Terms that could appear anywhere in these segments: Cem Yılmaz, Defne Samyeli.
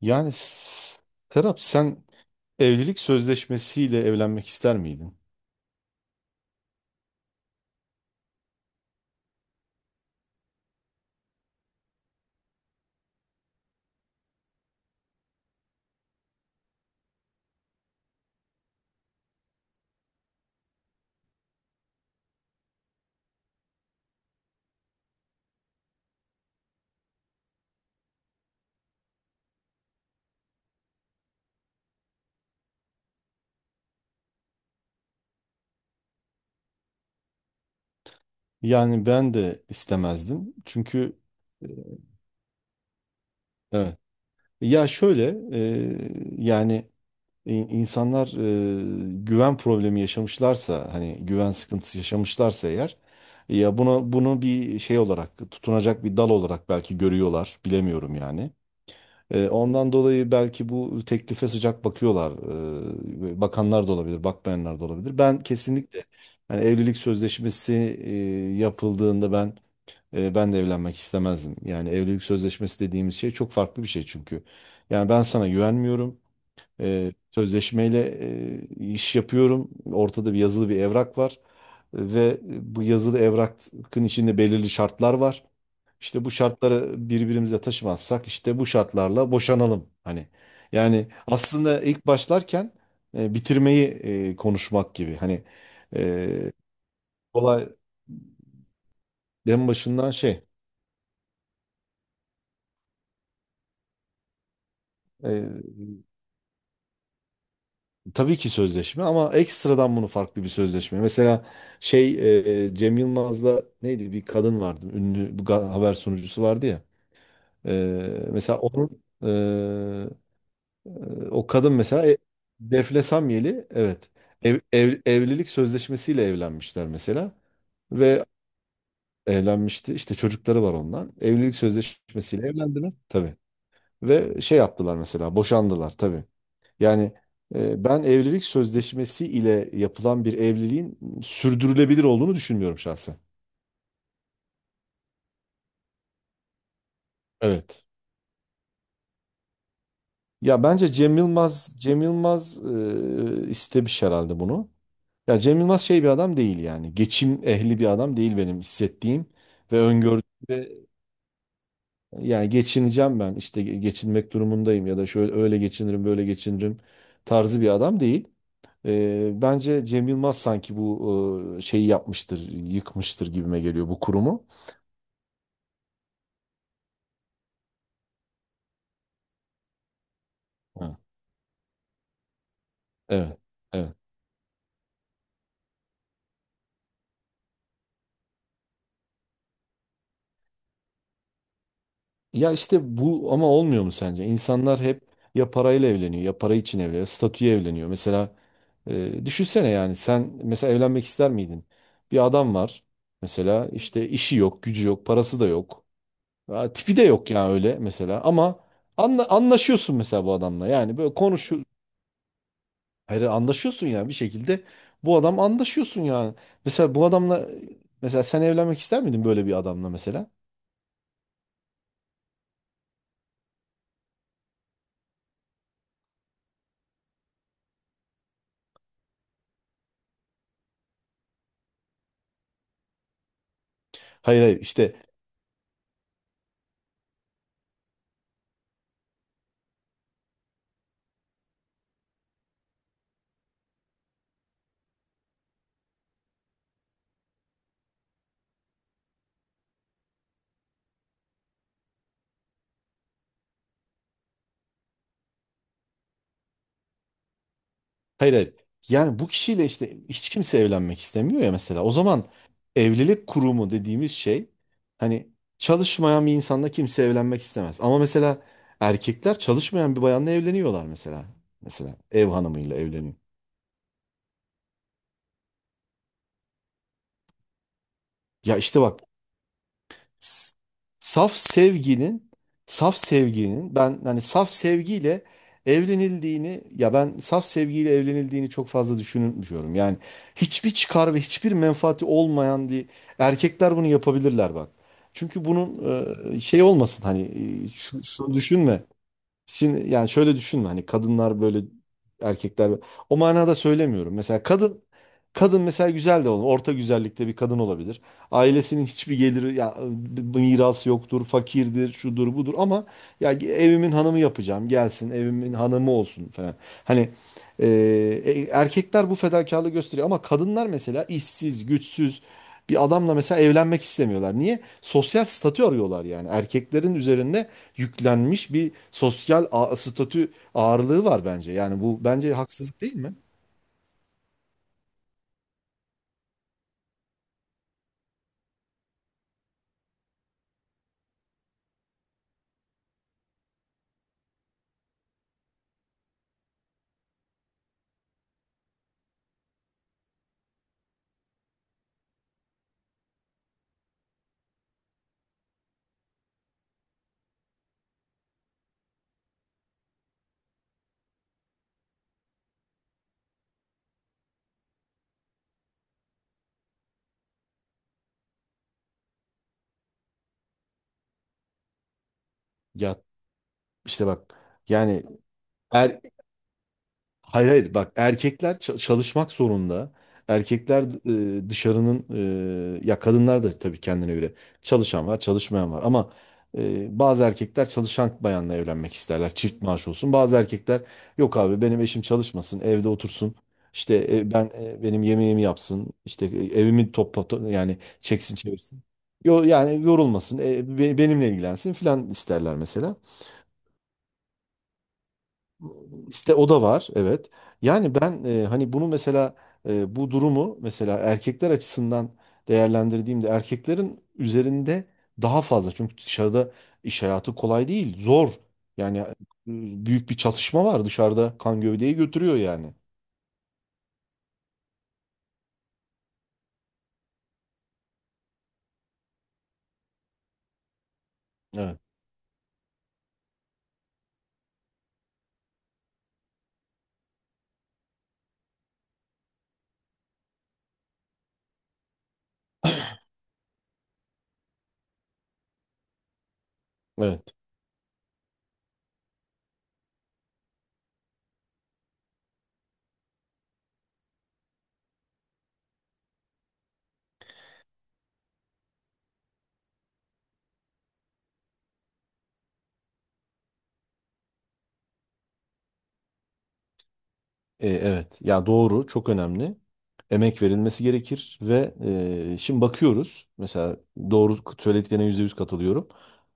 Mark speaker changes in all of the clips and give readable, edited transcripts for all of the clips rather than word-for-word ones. Speaker 1: Yani Serap, sen evlilik sözleşmesiyle evlenmek ister miydin? Yani ben de istemezdim. Çünkü e, evet. Ya şöyle, yani insanlar güven problemi yaşamışlarsa, hani güven sıkıntısı yaşamışlarsa eğer, ya bunu bir şey olarak, tutunacak bir dal olarak belki görüyorlar, bilemiyorum yani. Ondan dolayı belki bu teklife sıcak bakıyorlar. Bakanlar da olabilir, bakmayanlar da olabilir. Ben kesinlikle. Yani evlilik sözleşmesi e, yapıldığında, ben de evlenmek istemezdim. Yani evlilik sözleşmesi dediğimiz şey çok farklı bir şey çünkü. Yani ben sana güvenmiyorum. Sözleşmeyle iş yapıyorum. Ortada bir yazılı bir evrak var ve bu yazılı evrakın içinde belirli şartlar var. İşte bu şartları birbirimize taşımazsak, işte bu şartlarla boşanalım. Hani yani aslında ilk başlarken bitirmeyi konuşmak gibi. Hani. e, Olay en başından e, tabii ki sözleşme, ama ekstradan bunu farklı bir sözleşme. Mesela şey Cem Yılmaz'la, neydi, bir kadın vardı, ünlü bir haber sunucusu vardı ya. Mesela onun, o kadın mesela, Defne Samyeli, evet, evlilik sözleşmesiyle evlenmişler mesela ve evlenmişti işte, çocukları var ondan, evlilik sözleşmesiyle evlendiler tabii ve şey yaptılar mesela, boşandılar tabii. Yani ben evlilik sözleşmesi ile yapılan bir evliliğin sürdürülebilir olduğunu düşünmüyorum şahsen. Evet. Ya bence Cem Yılmaz istemiş herhalde bunu. Ya Cem Yılmaz şey bir adam değil yani. Geçim ehli bir adam değil, benim hissettiğim ve öngördüğüm. Ve yani geçineceğim ben işte, geçinmek durumundayım, ya da şöyle öyle geçinirim, böyle geçinirim tarzı bir adam değil. Bence Cem Yılmaz sanki bu şeyi yapmıştır, yıkmıştır gibime geliyor, bu kurumu. Ha, evet, evet. Ya işte bu ama olmuyor mu sence? İnsanlar hep ya parayla evleniyor, ya para için evleniyor, statüye evleniyor. Mesela düşünsene yani, sen mesela evlenmek ister miydin? Bir adam var mesela, işte işi yok, gücü yok, parası da yok. Ha, tipi de yok yani, öyle mesela, ama anlaşıyorsun mesela bu adamla. Yani böyle konuşuyor. Hayır, anlaşıyorsun yani bir şekilde, bu adam, anlaşıyorsun yani. Mesela bu adamla, mesela sen evlenmek ister miydin böyle bir adamla mesela? Hayır hayır, işte. Hayır hayır. Yani bu kişiyle işte hiç kimse evlenmek istemiyor ya mesela. O zaman evlilik kurumu dediğimiz şey, hani çalışmayan bir insanla kimse evlenmek istemez. Ama mesela erkekler çalışmayan bir bayanla evleniyorlar mesela. Mesela ev hanımıyla evleniyor. Ya işte bak, s- saf sevginin saf sevginin ben, hani saf sevgiyle evlenildiğini, ya ben saf sevgiyle evlenildiğini çok fazla düşünmüyorum. Yani hiçbir çıkar ve hiçbir menfaati olmayan bir, erkekler bunu yapabilirler bak. Çünkü bunun şey olmasın, hani, şunu düşünme. Şimdi yani şöyle düşünme, hani kadınlar böyle, erkekler böyle, o manada söylemiyorum. Mesela kadın mesela güzel de olur. Orta güzellikte bir kadın olabilir. Ailesinin hiçbir geliri ya mirası yoktur, fakirdir, şudur budur, ama ya evimin hanımı yapacağım, gelsin evimin hanımı olsun falan. Hani e, erkekler bu fedakarlığı gösteriyor, ama kadınlar mesela işsiz, güçsüz bir adamla mesela evlenmek istemiyorlar. Niye? Sosyal statü arıyorlar yani. Erkeklerin üzerinde yüklenmiş bir sosyal statü ağırlığı var bence. Yani bu bence haksızlık, değil mi? Ya işte bak yani. Er, hayır hayır bak, erkekler çalışmak zorunda. Erkekler dışarının, ya kadınlar da tabii kendine göre çalışan var, çalışmayan var, ama bazı erkekler çalışan bayanla evlenmek isterler. Çift maaş olsun. Bazı erkekler, yok abi, benim eşim çalışmasın, evde otursun. İşte benim yemeğimi yapsın. İşte evimi topla yani çeksin çevirsin. Yo, yani yorulmasın. Benimle ilgilensin filan isterler mesela. İşte o da var, evet. Yani ben hani bunu mesela, bu durumu mesela erkekler açısından değerlendirdiğimde, erkeklerin üzerinde daha fazla. Çünkü dışarıda iş hayatı kolay değil, zor. Yani büyük bir çatışma var dışarıda, kan gövdeyi götürüyor yani. Evet, evet. Evet. Ya doğru, çok önemli. Emek verilmesi gerekir ve şimdi bakıyoruz. Mesela doğru söylediklerine %100 katılıyorum.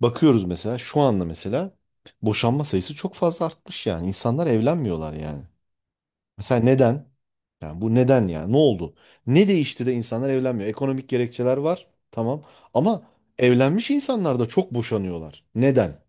Speaker 1: Bakıyoruz mesela, şu anda mesela boşanma sayısı çok fazla artmış yani. İnsanlar evlenmiyorlar yani. Mesela neden? Yani bu neden ya? Ne oldu? Ne değişti de insanlar evlenmiyor? Ekonomik gerekçeler var. Tamam. Ama evlenmiş insanlar da çok boşanıyorlar. Neden?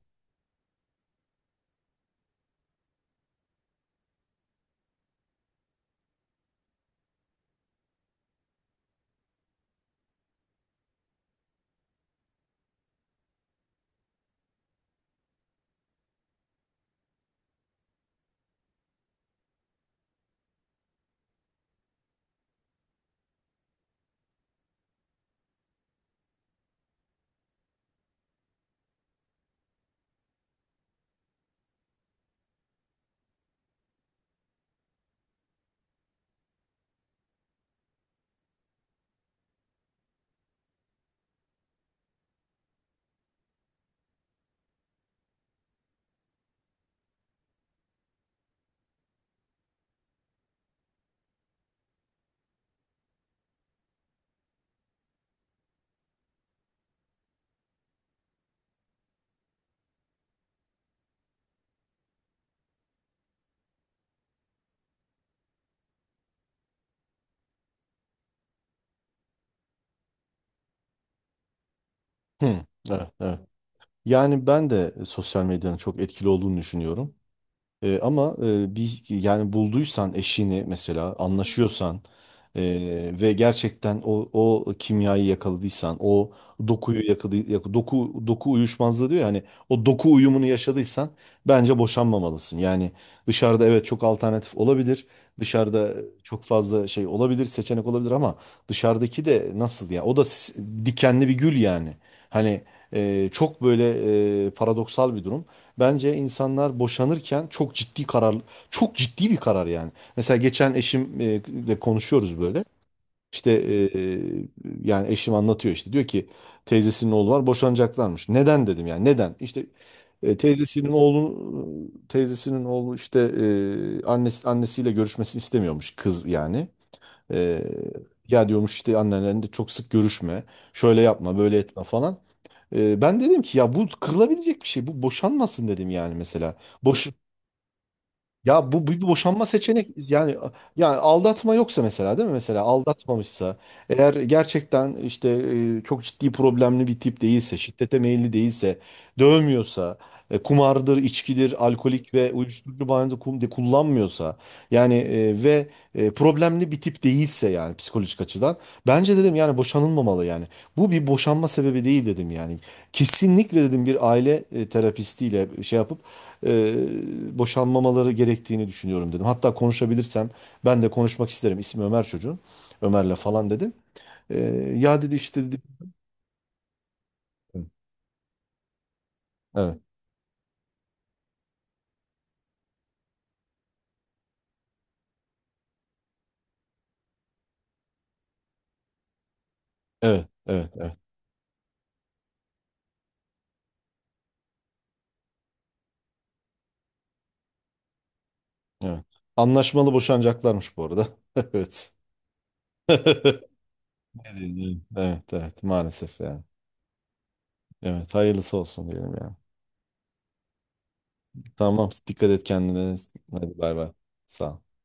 Speaker 1: Hı, evet, evet. Yani ben de sosyal medyanın çok etkili olduğunu düşünüyorum. Ama bir, yani bulduysan eşini mesela, anlaşıyorsan e, ve gerçekten o kimyayı yakaladıysan, o dokuyu yakaladı, doku uyuşmazlığı diyor yani, o doku uyumunu yaşadıysan bence boşanmamalısın. Yani dışarıda evet çok alternatif olabilir. Dışarıda çok fazla şey olabilir, seçenek olabilir, ama dışarıdaki de nasıl ya? O da dikenli bir gül yani. Hani çok böyle paradoksal bir durum. Bence insanlar boşanırken çok ciddi karar, çok ciddi bir karar yani. Mesela geçen eşimle konuşuyoruz böyle. İşte e, yani eşim anlatıyor, işte diyor ki teyzesinin oğlu var, boşanacaklarmış. Neden dedim, yani neden? İşte e, teyzesinin oğlu teyzesinin oğlu işte, annesiyle görüşmesini istemiyormuş kız yani. E, Ya diyormuş işte, annenle de çok sık görüşme, şöyle yapma, böyle etme falan. Ben dedim ki, ya bu kırılabilecek bir şey, bu boşanmasın dedim yani mesela. Boş, Ya bu bir boşanma seçenek yani, aldatma yoksa mesela, değil mi? Mesela aldatmamışsa, eğer gerçekten işte çok ciddi problemli bir tip değilse, şiddete meyilli değilse, dövmüyorsa, kumardır, içkidir, alkolik ve uyuşturucu bağımlı kum de kullanmıyorsa yani, ve problemli bir tip değilse yani psikolojik açıdan, bence dedim yani boşanılmamalı yani. Bu bir boşanma sebebi değil dedim yani. Kesinlikle dedim, bir aile terapistiyle şey yapıp boşanmamaları gerektiğini düşünüyorum dedim. Hatta konuşabilirsem ben de konuşmak isterim. İsmi Ömer çocuğun. Ömer'le falan dedim. E, Ya dedi, işte dedi. Evet, evet, evet, evet, evet. Anlaşmalı boşanacaklarmış bu arada. Evet. Ne diyeyim? Evet, evet, maalesef yani. Evet, hayırlısı olsun diyelim yani. Tamam, dikkat et kendine. Hadi bay bay. Sağ ol.